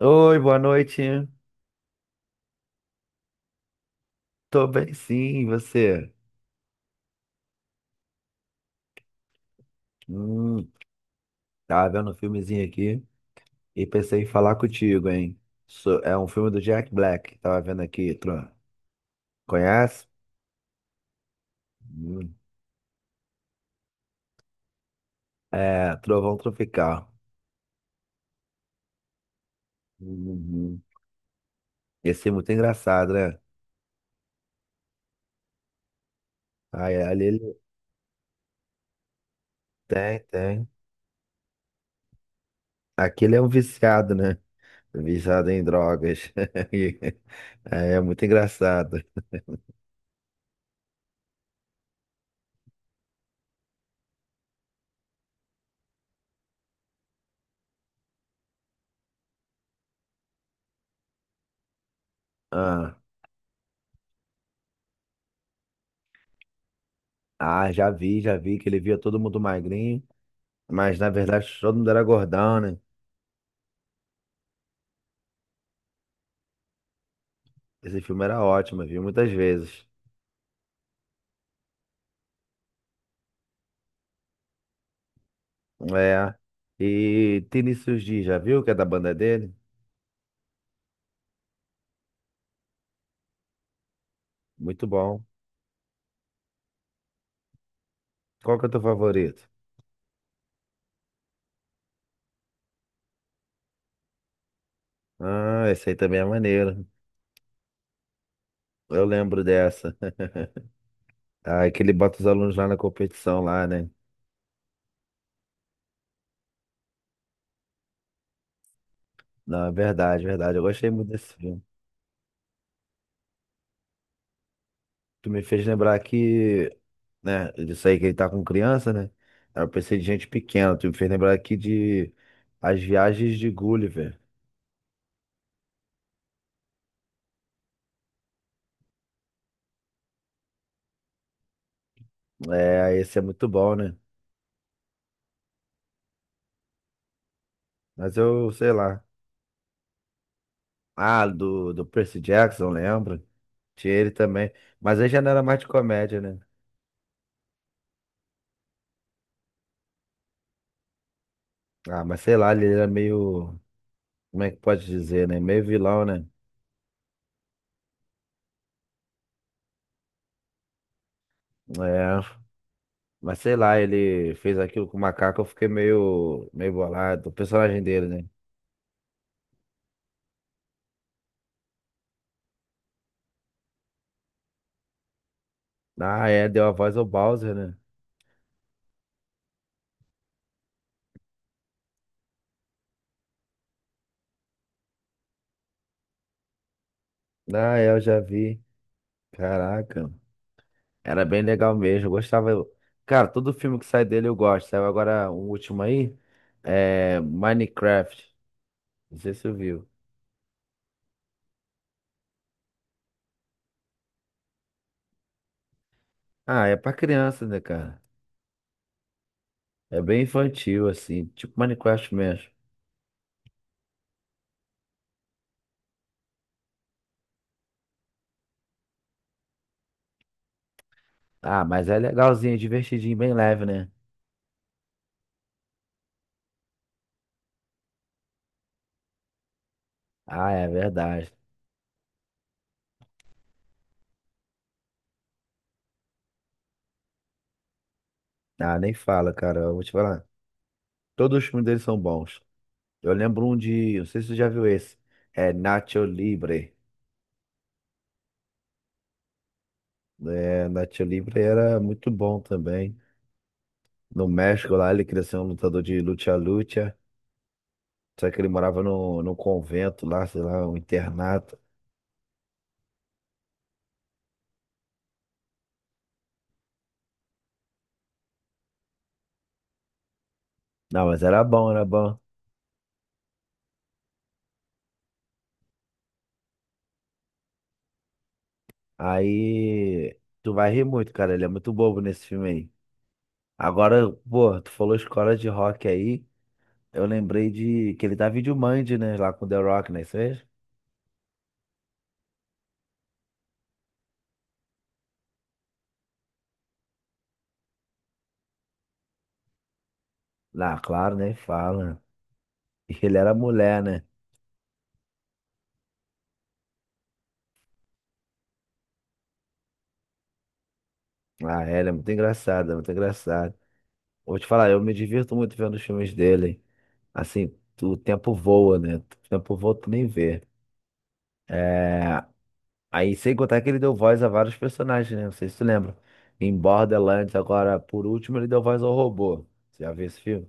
Oi, boa noite. Tô bem, sim, e você? Hum, tava vendo um filmezinho aqui e pensei em falar contigo, hein? É um filme do Jack Black, tava vendo aqui, Tron. Conhece? Hum. É, Trovão Tropical. Uhum. Esse filme é muito engraçado, né? Ai, ali ele tem, tem. Aqui ele é um viciado, né? Viciado em drogas. E- é, é muito engraçado. Ah, ah, já vi que ele via todo mundo magrinho. Mas na verdade todo mundo era gordão, né? Esse filme era ótimo, eu vi muitas vezes. É. E Vinícius Dias, já viu que é da banda dele? Muito bom. Qual que é o teu favorito? Ah, esse aí também é maneiro. Eu lembro dessa. Ah, que ele bota os alunos lá na competição lá, né? Não, é verdade, verdade. Eu gostei muito desse filme. Tu me fez lembrar que, né, disso aí que ele tá com criança, né? Aí eu pensei de gente pequena. Tu me fez lembrar aqui de As Viagens de Gulliver. É, esse é muito bom, né? Mas eu sei lá. Ah, do Percy Jackson, lembra? Tinha ele também. Mas ele já não era mais de comédia, né? Ah, mas sei lá, ele era meio. Como é que pode dizer, né? Meio vilão, né? É. Mas sei lá, ele fez aquilo com o macaco, eu fiquei meio, meio bolado. O personagem dele, né? Ah, é, deu a voz ao Bowser, né? Ah, é, eu já vi. Caraca. Era bem legal mesmo, eu gostava. Cara, todo filme que sai dele eu gosto. Saiu agora um último aí, é Minecraft. Não sei se eu viu. Ah, é pra criança, né, cara? É bem infantil, assim, tipo Minecraft mesmo. Ah, mas é legalzinho, é divertidinho, bem leve, né? Ah, é verdade. Ah, nem fala, cara. Eu vou te falar. Todos os filmes deles são bons. Eu lembro um de. Não sei se você já viu esse. É Nacho Libre. É, Nacho Libre era muito bom também. No México lá, ele queria ser um lutador de luta-luta. Só que ele morava no convento lá, sei lá, um internato. Não, mas era bom, era bom. Aí tu vai rir muito, cara. Ele é muito bobo nesse filme aí. Agora, pô, tu falou escola de rock aí. Eu lembrei de que ele tá Videomand, né? Lá com o The Rock, né? Isso mesmo? Lá, claro, nem fala. E ele era mulher, né? Ah, é, ele é muito engraçado, é muito engraçado. Vou te falar, eu me divirto muito vendo os filmes dele. Assim, o tempo voa, né? O tempo voa, tu nem vê. É... Aí, sem contar que ele deu voz a vários personagens, né? Não sei se tu lembra. Em Borderlands, agora, por último, ele deu voz ao robô. Você já viu esse filme?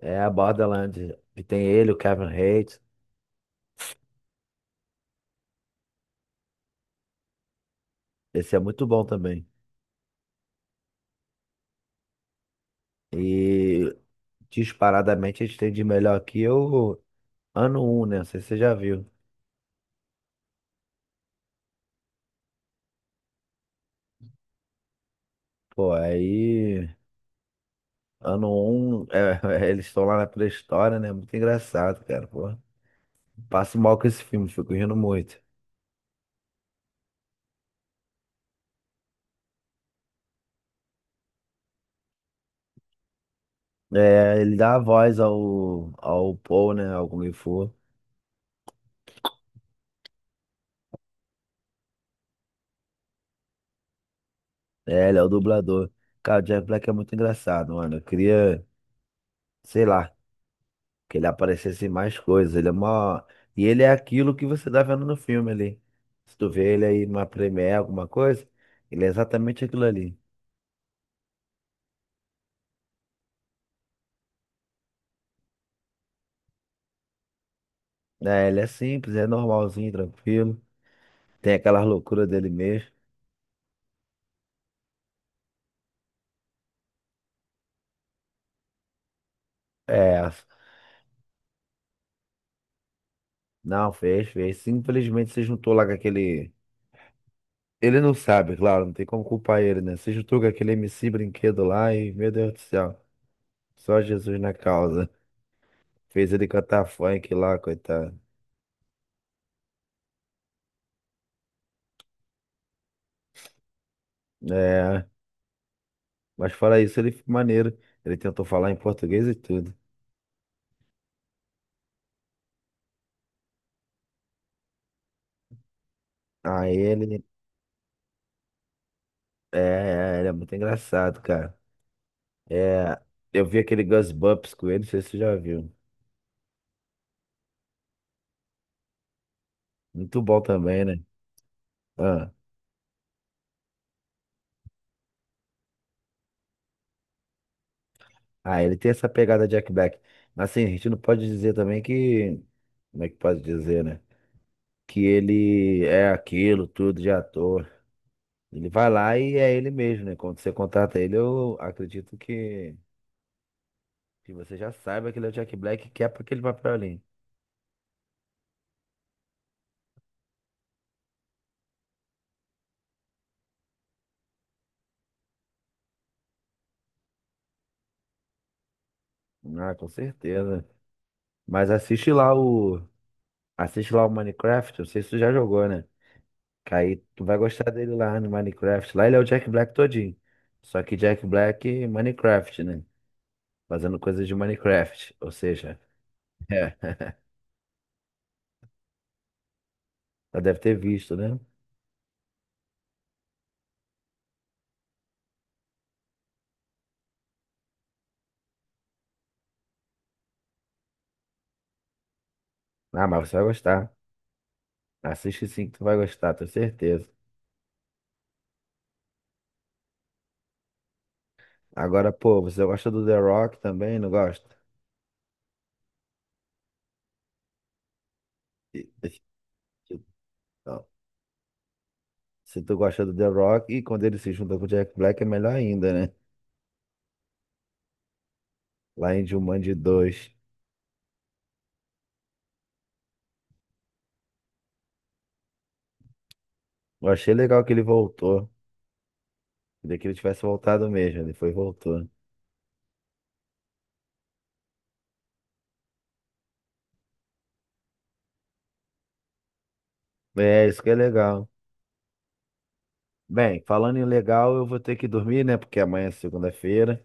É, Borderlands. E tem ele, o Kevin Hart. Esse é muito bom também. E, disparadamente, a gente tem de melhor aqui o Ano um, né? Não sei se você já viu. Pô, aí... Ano um é, eles estão lá na pré-história, né? Muito engraçado, cara, pô. Passo mal com esse filme, fico rindo muito. É, ele dá a voz ao, ao Paul, né? Ao Kung Fu. É, ele é o dublador. Cara, o Jack Black é muito engraçado, mano. Eu queria, sei lá, que ele aparecesse em mais coisas. Ele é mó. E ele é aquilo que você tá vendo no filme ali. Se tu vê ele aí numa premiere, alguma coisa, ele é exatamente aquilo ali. É, ele é simples, é normalzinho, tranquilo. Tem aquela loucura dele mesmo. É, não, fez, fez. Simplesmente se juntou lá com aquele. Ele não sabe, claro, não tem como culpar ele, né? Se juntou com aquele MC brinquedo lá e, meu Deus do céu, só Jesus na causa. Fez ele cantar funk lá, coitado. É, mas fora isso, ele foi maneiro. Ele tentou falar em português e tudo. Aí ele, ele é muito engraçado, cara. É, eu vi aquele Gus Bumps com ele, não sei se você já viu. Muito bom também, né? Ah, ele tem essa pegada Jack Black. Mas assim, a gente não pode dizer também que, como é que pode dizer, né? Que ele é aquilo tudo de ator. Ele vai lá e é ele mesmo, né? Quando você contrata ele, eu acredito que, você já saiba que ele é o Jack Black, que é para aquele papel ali. Ah, com certeza. Mas assiste lá o. Assiste lá o Minecraft, eu sei se tu já jogou, né? Que aí tu vai gostar dele lá no Minecraft. Lá ele é o Jack Black todinho. Só que Jack Black Minecraft, né? Fazendo coisas de Minecraft. Ou seja, é. Já deve ter visto, né? Ah, mas você vai gostar. Assiste sim que tu vai gostar, tenho certeza. Agora, pô, você gosta do The Rock também, não gosta? E- então, se tu gosta do The Rock, e quando ele se junta com o Jack Black é melhor ainda, né? Lá em Jumanji 2. Eu achei legal que ele voltou. Queria que ele tivesse voltado mesmo, ele foi e voltou. É, isso que é legal. Bem, falando em legal, eu vou ter que dormir, né? Porque amanhã é segunda-feira.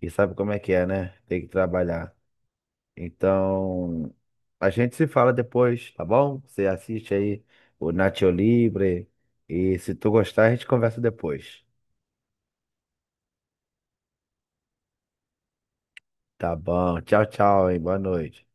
E sabe como é que é, né? Tem que trabalhar. Então, a gente se fala depois, tá bom? Você assiste aí o Nacho Libre e se tu gostar, a gente conversa depois. Tá bom. Tchau, tchau, hein? Boa noite.